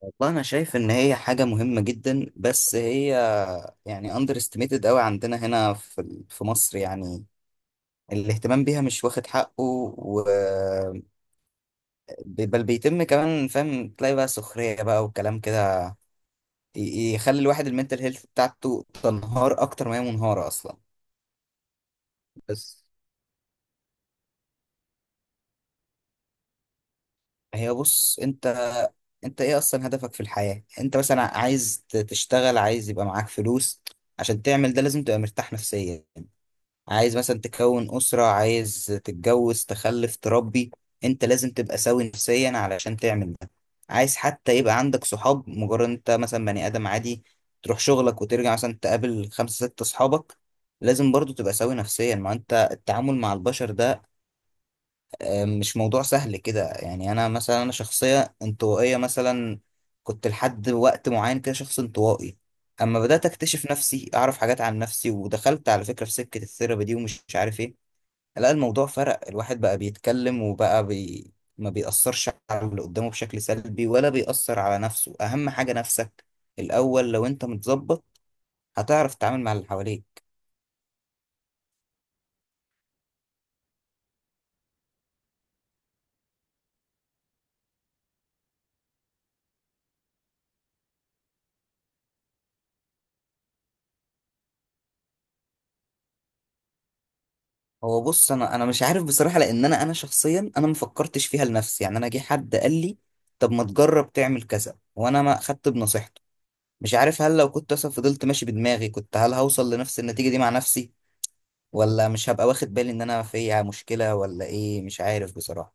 والله انا شايف ان هي حاجه مهمه جدا. بس هي اندر استيميتد قوي عندنا هنا في مصر يعني. الاهتمام بيها مش واخد حقه، و بل بيتم كمان، فاهم؟ تلاقي بقى سخريه بقى وكلام كده يخلي الواحد المنتل هيلث بتاعته تنهار اكتر ما هي منهاره اصلا. بس هي بص، انت ايه اصلا هدفك في الحياه؟ انت مثلا عايز تشتغل، عايز يبقى معاك فلوس، عشان تعمل ده لازم تبقى مرتاح نفسيا. عايز مثلا تكون أسرة، عايز تتجوز تخلف تربي، انت لازم تبقى سوي نفسيا علشان تعمل ده. عايز حتى يبقى عندك صحاب، مجرد انت مثلا بني آدم عادي تروح شغلك وترجع مثلا تقابل خمسة ستة صحابك، لازم برضو تبقى سوي نفسيا. ما انت التعامل مع البشر ده مش موضوع سهل كده يعني. انا مثلا انا شخصية انطوائية مثلا، كنت لحد وقت معين كده شخص انطوائي. اما بدأت اكتشف نفسي، اعرف حاجات عن نفسي، ودخلت على فكرة في سكة الثيرابي دي ومش عارف ايه، لا الموضوع فرق. الواحد بقى بيتكلم وبقى ما بيأثرش على اللي قدامه بشكل سلبي ولا بيأثر على نفسه. أهم حاجة نفسك الأول، لو أنت متظبط هتعرف تتعامل مع اللي حواليك. هو بص، أنا مش عارف بصراحة، لأن أنا شخصيا أنا ما فكرتش فيها لنفسي يعني. أنا جه حد قال لي طب ما تجرب تعمل كذا، وأنا ما أخدت بنصيحته. مش عارف هل لو كنت مثلا فضلت ماشي بدماغي كنت هل هوصل لنفس النتيجة دي مع نفسي، ولا مش هبقى واخد بالي إن أنا فيها مشكلة، ولا إيه؟ مش عارف بصراحة.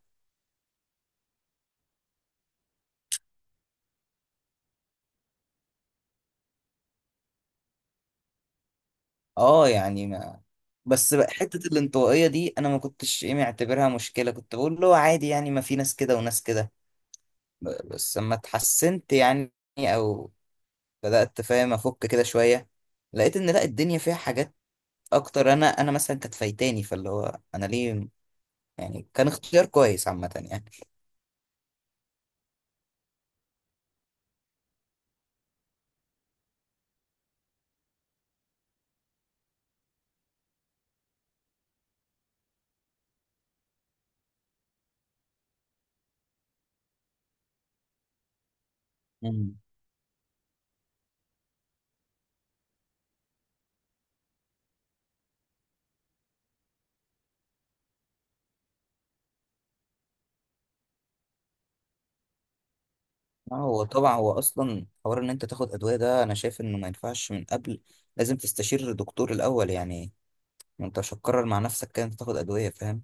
اه يعني ما بس بقى حتة الانطوائية دي أنا ما كنتش إيه معتبرها مشكلة، كنت بقول له عادي يعني، ما في ناس كده وناس كده. بس لما اتحسنت يعني، أو بدأت فاهم أفك كده شوية، لقيت إن لأ، الدنيا فيها حاجات أكتر. أنا مثلا كانت فايتاني، فاللي هو أنا ليه يعني، كان اختيار كويس عامة يعني. مم. آه، هو طبعا هو أصلا حوار إن أنت تاخد أدوية ده أنا شايف إنه ما ينفعش. من قبل لازم تستشير الدكتور الأول يعني، ما أنت مش هتقرر مع نفسك كده أنت تاخد أدوية، فاهم؟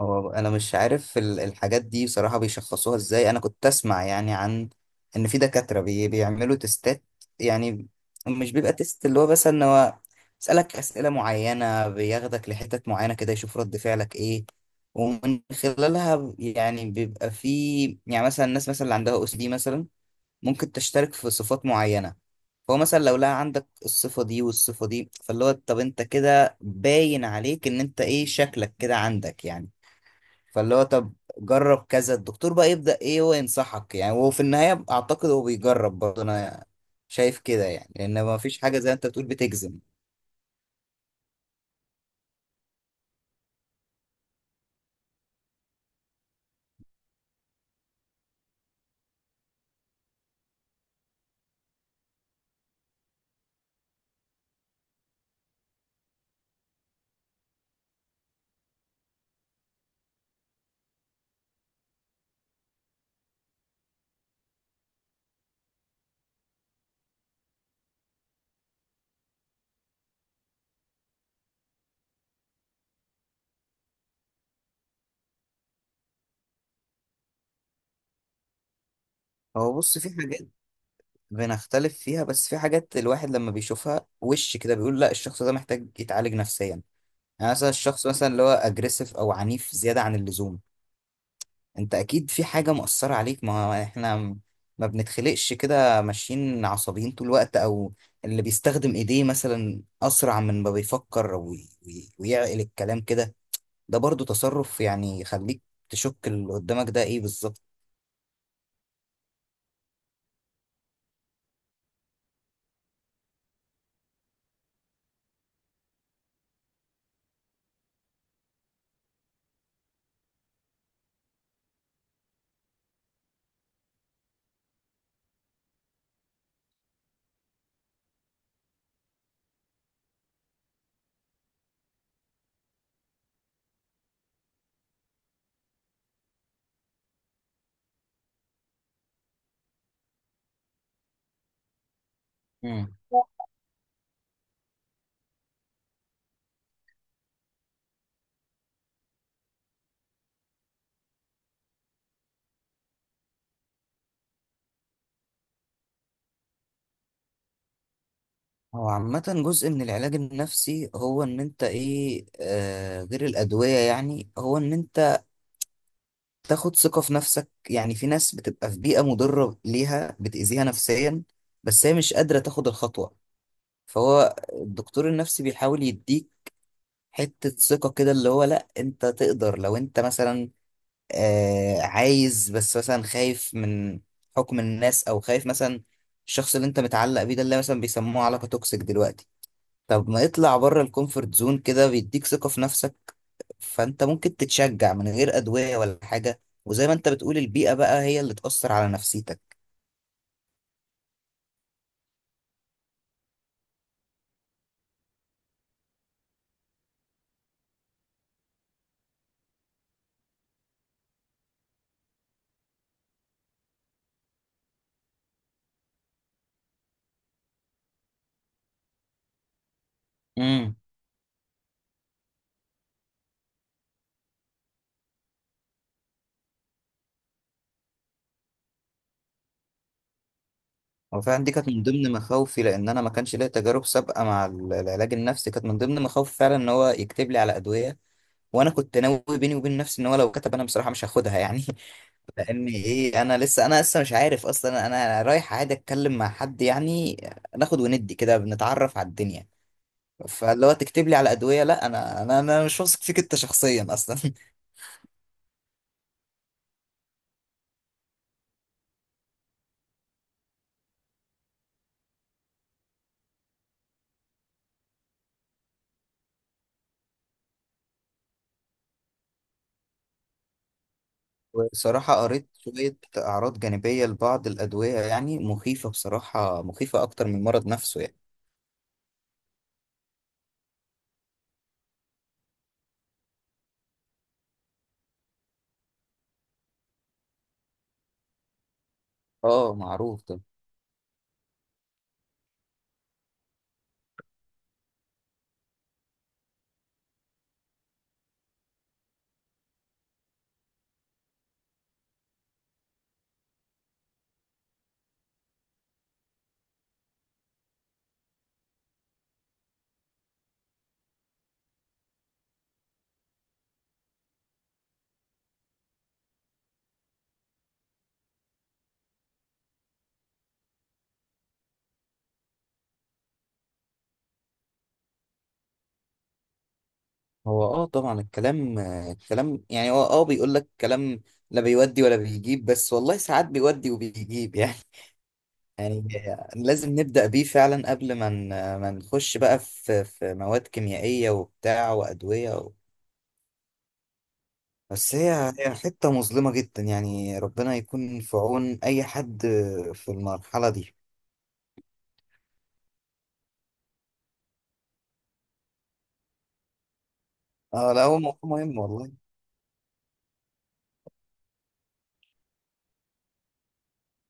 هو انا مش عارف الحاجات دي بصراحة بيشخصوها ازاي. انا كنت اسمع يعني عن ان في دكاترة بيعملوا تستات يعني. مش بيبقى تيست اللي هو، بس ان هو يسألك اسئلة معينة، بياخدك لحتت معينة كده يشوف رد فعلك ايه، ومن خلالها يعني بيبقى في يعني مثلا الناس مثلا اللي عندها او اس دي مثلا ممكن تشترك في صفات معينة. فهو مثلا لو لقى عندك الصفة دي والصفة دي، فاللي هو طب انت كده باين عليك ان انت ايه شكلك كده عندك يعني. فاللي هو طب جرب كذا، الدكتور بقى يبدأ ايه هو ينصحك يعني. هو في النهاية اعتقد هو بيجرب برضه، انا شايف كده يعني، لان ما فيش حاجة زي ما انت بتقول بتجزم. هو بص في حاجات بنختلف فيها، بس في حاجات الواحد لما بيشوفها وش كده بيقول لا، الشخص ده محتاج يتعالج نفسيا يعني. مثلا الشخص مثلا اللي هو اجريسيف او عنيف زيادة عن اللزوم، انت اكيد في حاجة مؤثرة عليك، ما هو احنا ما بنتخلقش كده ماشيين عصبيين طول الوقت. او اللي بيستخدم ايديه مثلا اسرع من ما بيفكر ويعقل الكلام كده، ده برضو تصرف يعني يخليك تشك اللي قدامك ده ايه بالظبط. مم. هو عامة جزء من العلاج النفسي هو ان انت ايه آه غير الادوية، يعني هو ان انت تاخد ثقة في نفسك. يعني في ناس بتبقى في بيئة مضرة ليها، بتأذيها نفسيا، بس هي مش قادرة تاخد الخطوة، فهو الدكتور النفسي بيحاول يديك حتة ثقة كده، اللي هو لأ أنت تقدر. لو أنت مثلا آه عايز، بس مثلا خايف من حكم الناس، أو خايف مثلا الشخص اللي أنت متعلق بيه ده اللي مثلا بيسموه علاقة توكسيك دلوقتي، طب ما يطلع بره الكومفورت زون كده، بيديك ثقة في نفسك. فأنت ممكن تتشجع من غير أدوية ولا حاجة، وزي ما أنت بتقول البيئة بقى هي اللي تأثر على نفسيتك. مم. هو فعلا دي كانت من ضمن مخاوفي، لان انا ما كانش ليا تجارب سابقه مع العلاج النفسي. كانت من ضمن مخاوفي فعلا ان هو يكتب لي على ادويه، وانا كنت ناوي بيني وبين نفسي ان هو لو كتب انا بصراحه مش هاخدها يعني. لان ايه، انا لسه مش عارف اصلا، انا رايح عادي اتكلم مع حد يعني، ناخد وندي كده بنتعرف على الدنيا، فاللي هو تكتب لي على ادويه؟ لا انا انا مش واثق فيك انت شخصيا اصلا. وبصراحه قريت شويه اعراض جانبيه لبعض الادويه يعني مخيفه، بصراحه مخيفه اكتر من المرض نفسه يعني. اه معروف ده. هو اه طبعا الكلام آه، الكلام يعني هو اه بيقول لك كلام لا بيودي ولا بيجيب، بس والله ساعات بيودي وبيجيب يعني. يعني لازم نبدأ بيه فعلا قبل ما ما نخش بقى في مواد كيميائية وبتاع وأدوية بس هي هي حتة مظلمة جدا يعني، ربنا يكون في عون أي حد في المرحلة دي. اه لا هو موضوع مهم والله.